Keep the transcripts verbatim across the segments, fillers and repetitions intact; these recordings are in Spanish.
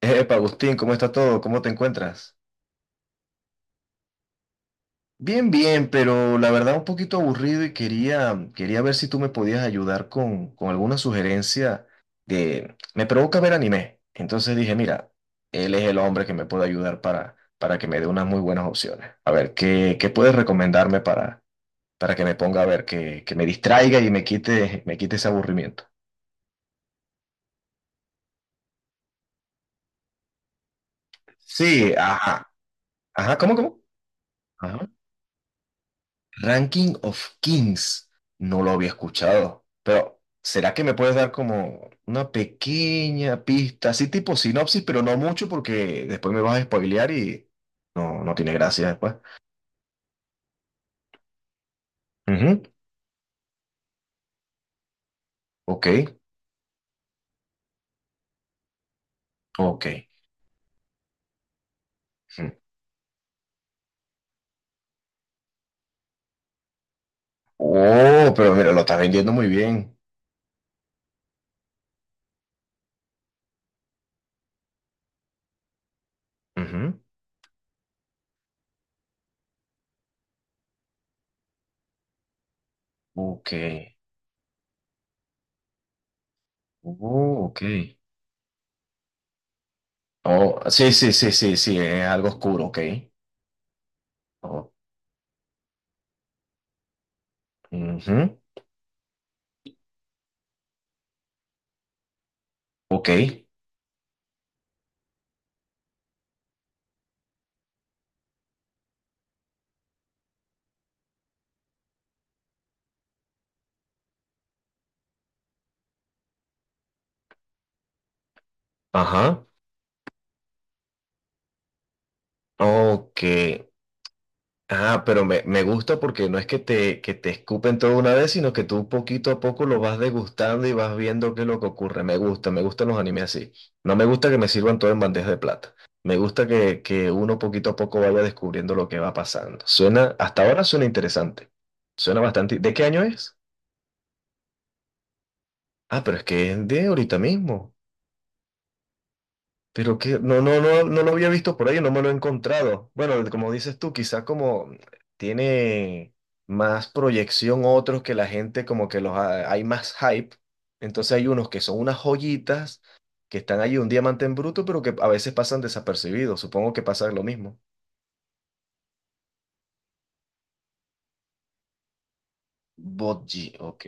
Epa, Agustín, ¿cómo está todo? ¿Cómo te encuentras? Bien, bien, pero la verdad un poquito aburrido y quería, quería ver si tú me podías ayudar con, con alguna sugerencia de... Me provoca ver anime. Entonces dije, mira, él es el hombre que me puede ayudar para, para que me dé unas muy buenas opciones. A ver, ¿qué, qué puedes recomendarme para, para que me ponga a ver, que, que me distraiga y me quite, me quite ese aburrimiento? Sí, ajá. Ajá, ¿cómo, cómo? Ajá. Ranking of Kings, no lo había escuchado, pero ¿será que me puedes dar como una pequeña pista, así tipo sinopsis, pero no mucho porque después me vas a spoilear y no, no tiene gracia después? Ujú. Ok, ok. Ujú. Oh, pero mira, lo estás vendiendo muy bien. Ujú. Ok, oh, ok. Oh, sí, sí, sí, sí, sí, es algo oscuro, ok. Oh, ujú, ok, ajá, ok. Ah, pero me, me gusta porque no es que te, que te escupen todo una vez, sino que tú poquito a poco lo vas degustando y vas viendo qué es lo que ocurre. Me gusta, me gustan los animes así. No me gusta que me sirvan todo en bandeja de plata. Me gusta que, que uno poquito a poco vaya descubriendo lo que va pasando. Suena, hasta ahora suena interesante. Suena bastante. ¿De qué año es? Ah, pero es que es de ahorita mismo. Pero que no, no, no, no lo había visto por ahí, no me lo he encontrado. Bueno, como dices tú, quizás como tiene más proyección otros que la gente, como que los ha- hay más hype. Entonces hay unos que son unas joyitas que están ahí un diamante en bruto, pero que a veces pasan desapercibidos. Supongo que pasa lo mismo. Botji, ok.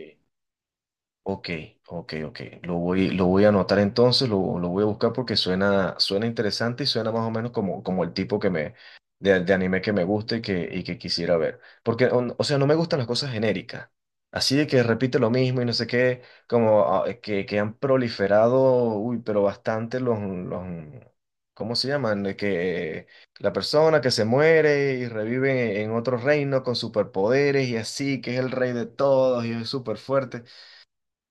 Ok, ok, ok. Lo voy, lo voy a anotar entonces, lo, lo voy a buscar porque suena, suena interesante y suena más o menos como, como el tipo que me, de, de anime que me gusta y que, y que quisiera ver. Porque, o, o sea, no me gustan las cosas genéricas. Así de que repite lo mismo y no sé qué, como ah, que, que han proliferado, uy, pero bastante los, los, ¿cómo se llaman? De que la persona que se muere y revive en otro reino con superpoderes y así, que es el rey de todos y es súper fuerte.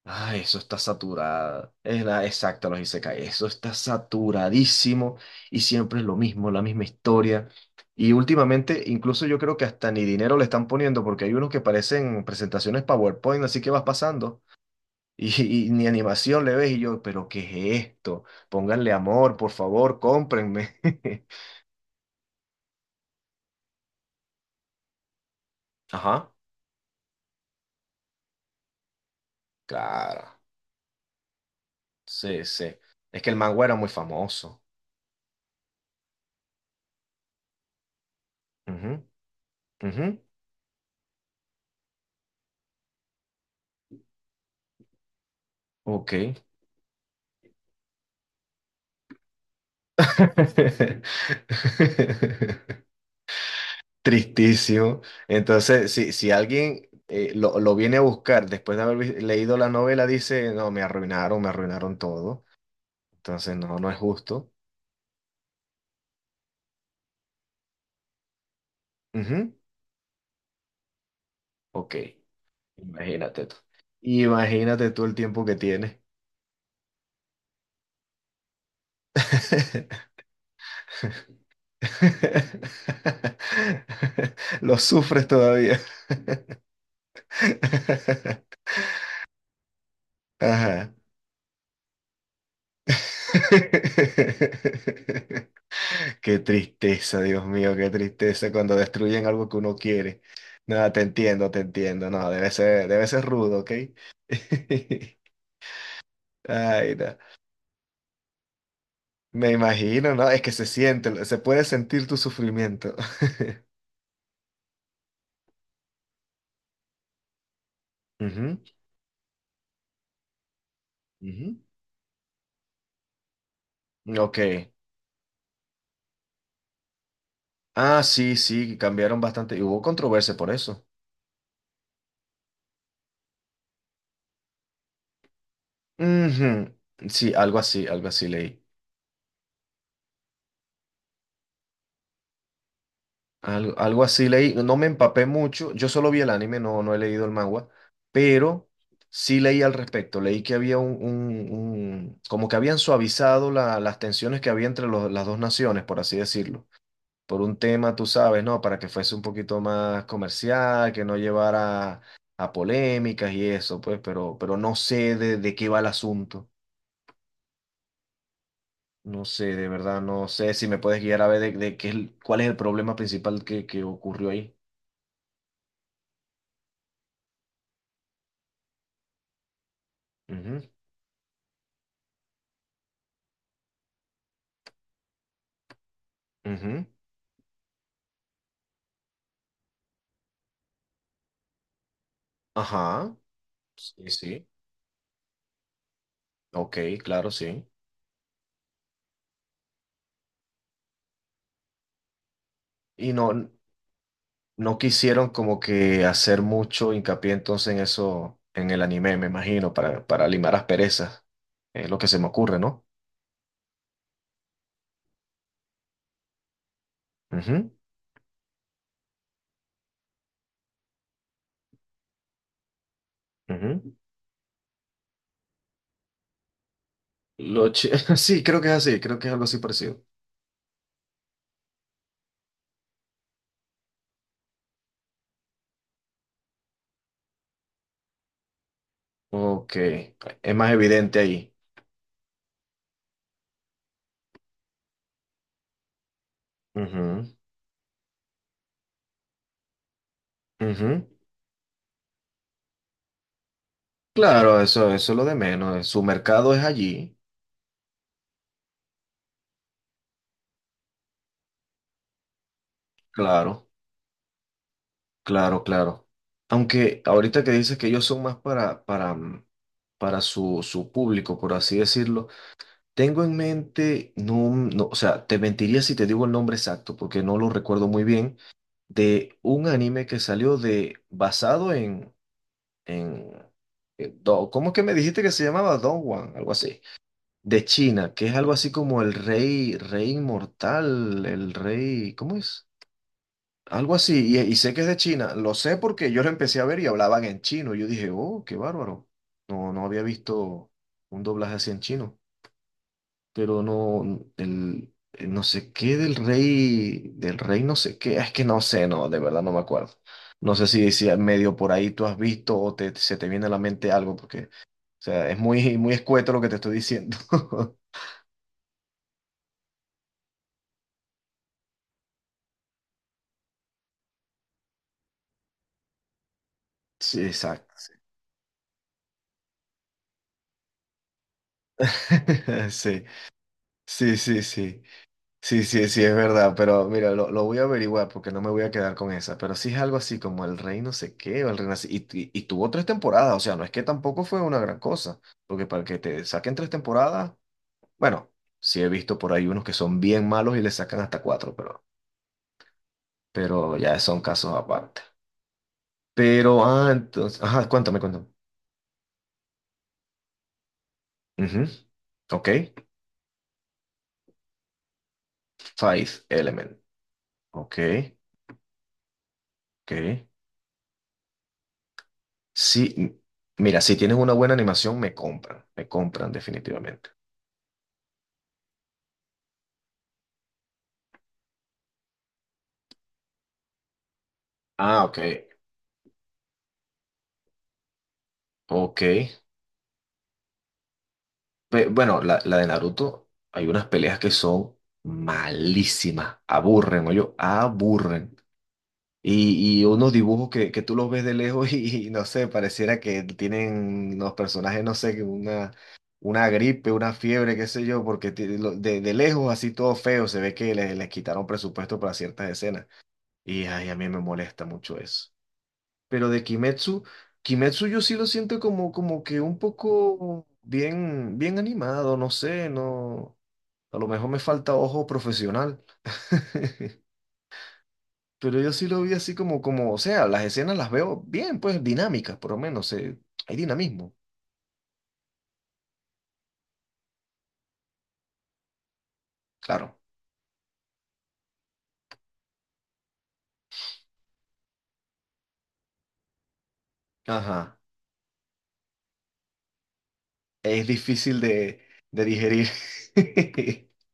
Ay, eso está saturada. Es la exacta, los isekai. Eso está saturadísimo y siempre es lo mismo, la misma historia. Y últimamente, incluso yo creo que hasta ni dinero le están poniendo porque hay unos que parecen presentaciones PowerPoint, así que vas pasando y, y ni animación le ves. Y yo, ¿pero qué es esto? Pónganle amor, por favor, cómprenme. Ajá, claro. Sí, sí. Es que el manga era muy famoso. Ujú, ujú. Ok. Tristísimo. Entonces, si, si alguien eh, lo, lo viene a buscar después de haber vi- leído la novela, dice, no, me arruinaron, me arruinaron todo. Entonces, no, no es justo. Ujú. Ok, imagínate tú. Imagínate tú el tiempo que tienes. Lo sufres todavía. Ajá. Qué tristeza, Dios mío, qué tristeza cuando destruyen algo que uno quiere. Nada, te entiendo, te entiendo. No, debe ser, debe ser rudo, ¿ok? Ay, no. Me imagino, ¿no? Es que se siente, se puede sentir tu sufrimiento. Ujú, ujú. Ok. Ah, sí, sí, cambiaron bastante. Y hubo controversia por eso. Ujú. Sí, algo así, algo así leí. Algo, algo así leí, no me empapé mucho, yo solo vi el anime, no, no he leído el manga, pero sí leí al respecto, leí que había un, un- un- como que habían suavizado la- las tensiones que había entre los- las dos naciones, por así decirlo, por un tema, tú sabes, ¿no? Para que fuese un poquito más comercial, que no llevara a polémicas y eso, pues, pero, pero no sé de, de qué va el asunto. No sé, de verdad, no sé si me puedes guiar a ver de, de qué, es el- ¿cuál es el problema principal que, que ocurrió ahí? Ujú, ujú. Ajá, sí, sí, ok, claro, sí. Y no, no quisieron como que hacer mucho hincapié entonces en eso, en el anime, me imagino, para, para limar asperezas, es lo que se me ocurre, no. Ujú, ujú. Lo chi- sí, creo que es así, creo que es algo así parecido. Ok, es más evidente ahí. Ujú, ujú. Claro, eso, eso es lo de menos, su mercado es allí, claro. Claro, claro. Aunque ahorita que dices que ellos son más para, para, mm, para su, su público, por así decirlo, tengo en mente, no, mm, no, o sea, te mentiría si te digo el nombre exacto, porque no lo recuerdo muy bien, de un anime que salió de, basado en, en, en Do- ¿cómo es que me dijiste que se llamaba? Don Juan, algo así, de China, que es algo así como el rey, rey inmortal, el rey, ¿cómo es? Algo así, y, y sé que es de China. Lo sé porque yo lo empecé a ver y hablaban en chino. Yo dije, oh, qué bárbaro. No, no había visto un doblaje así en chino. Pero no, el, el no sé qué del rey, del rey no sé qué. Es que no sé, no, de verdad no me acuerdo. No sé si decía medio por ahí tú has visto o te, se te viene a la mente algo, porque, o sea, es muy, muy escueto lo que te estoy diciendo. Sí, exacto. Sí, sí, sí, sí. Sí, sí, sí, es verdad, pero mira, lo, lo voy a averiguar porque no me voy a quedar con esa, pero sí es algo así como el rey no sé qué, o el rey no sé- y, y, y tuvo tres temporadas, o sea, no es que tampoco fue una gran cosa, porque para que te saquen tres temporadas, bueno, sí he visto por ahí unos que son bien malos y le sacan hasta cuatro, pero, pero ya son casos aparte. Pero, ah, entonces, ajá, cuéntame, cuéntame. Ujú. Ok, Five Element, ok, ok. Sí, m- mira, si tienes una buena animación, me compran, me compran definitivamente. Ah, ok. Ok. Pe- bueno, la, la de Naruto, hay unas peleas que son malísimas. Aburren, oye, aburren. Y, y unos dibujos que, que tú los ves de lejos y, y no sé, pareciera que tienen los personajes, no sé, que una, una gripe, una fiebre, qué sé yo, porque ti- lo- de, de lejos así todo feo, se ve que les, les quitaron presupuesto para ciertas escenas. Y ay, a mí me molesta mucho eso. Pero de Kimetsu, Kimetsu yo sí lo siento como, como que un poco bien, bien animado, no sé, no, a lo mejor me falta ojo profesional. Pero yo sí lo vi así como, como, o sea, las escenas las veo bien, pues dinámicas, por lo menos, eh, hay dinamismo, claro. Ajá, es difícil de, de digerir.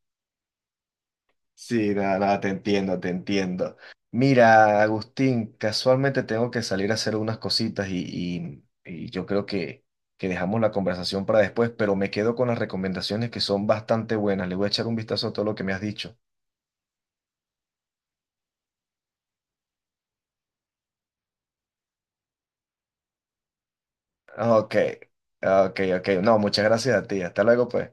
Sí, nada, nada, te entiendo, te entiendo. Mira, Agustín, casualmente tengo que salir a hacer unas cositas y, y- y yo creo que, que dejamos la conversación para después, pero me quedo con las recomendaciones que son bastante buenas. Le voy a echar un vistazo a todo lo que me has dicho. Ok, ok, ok. No, muchas gracias a ti. Hasta luego, pues.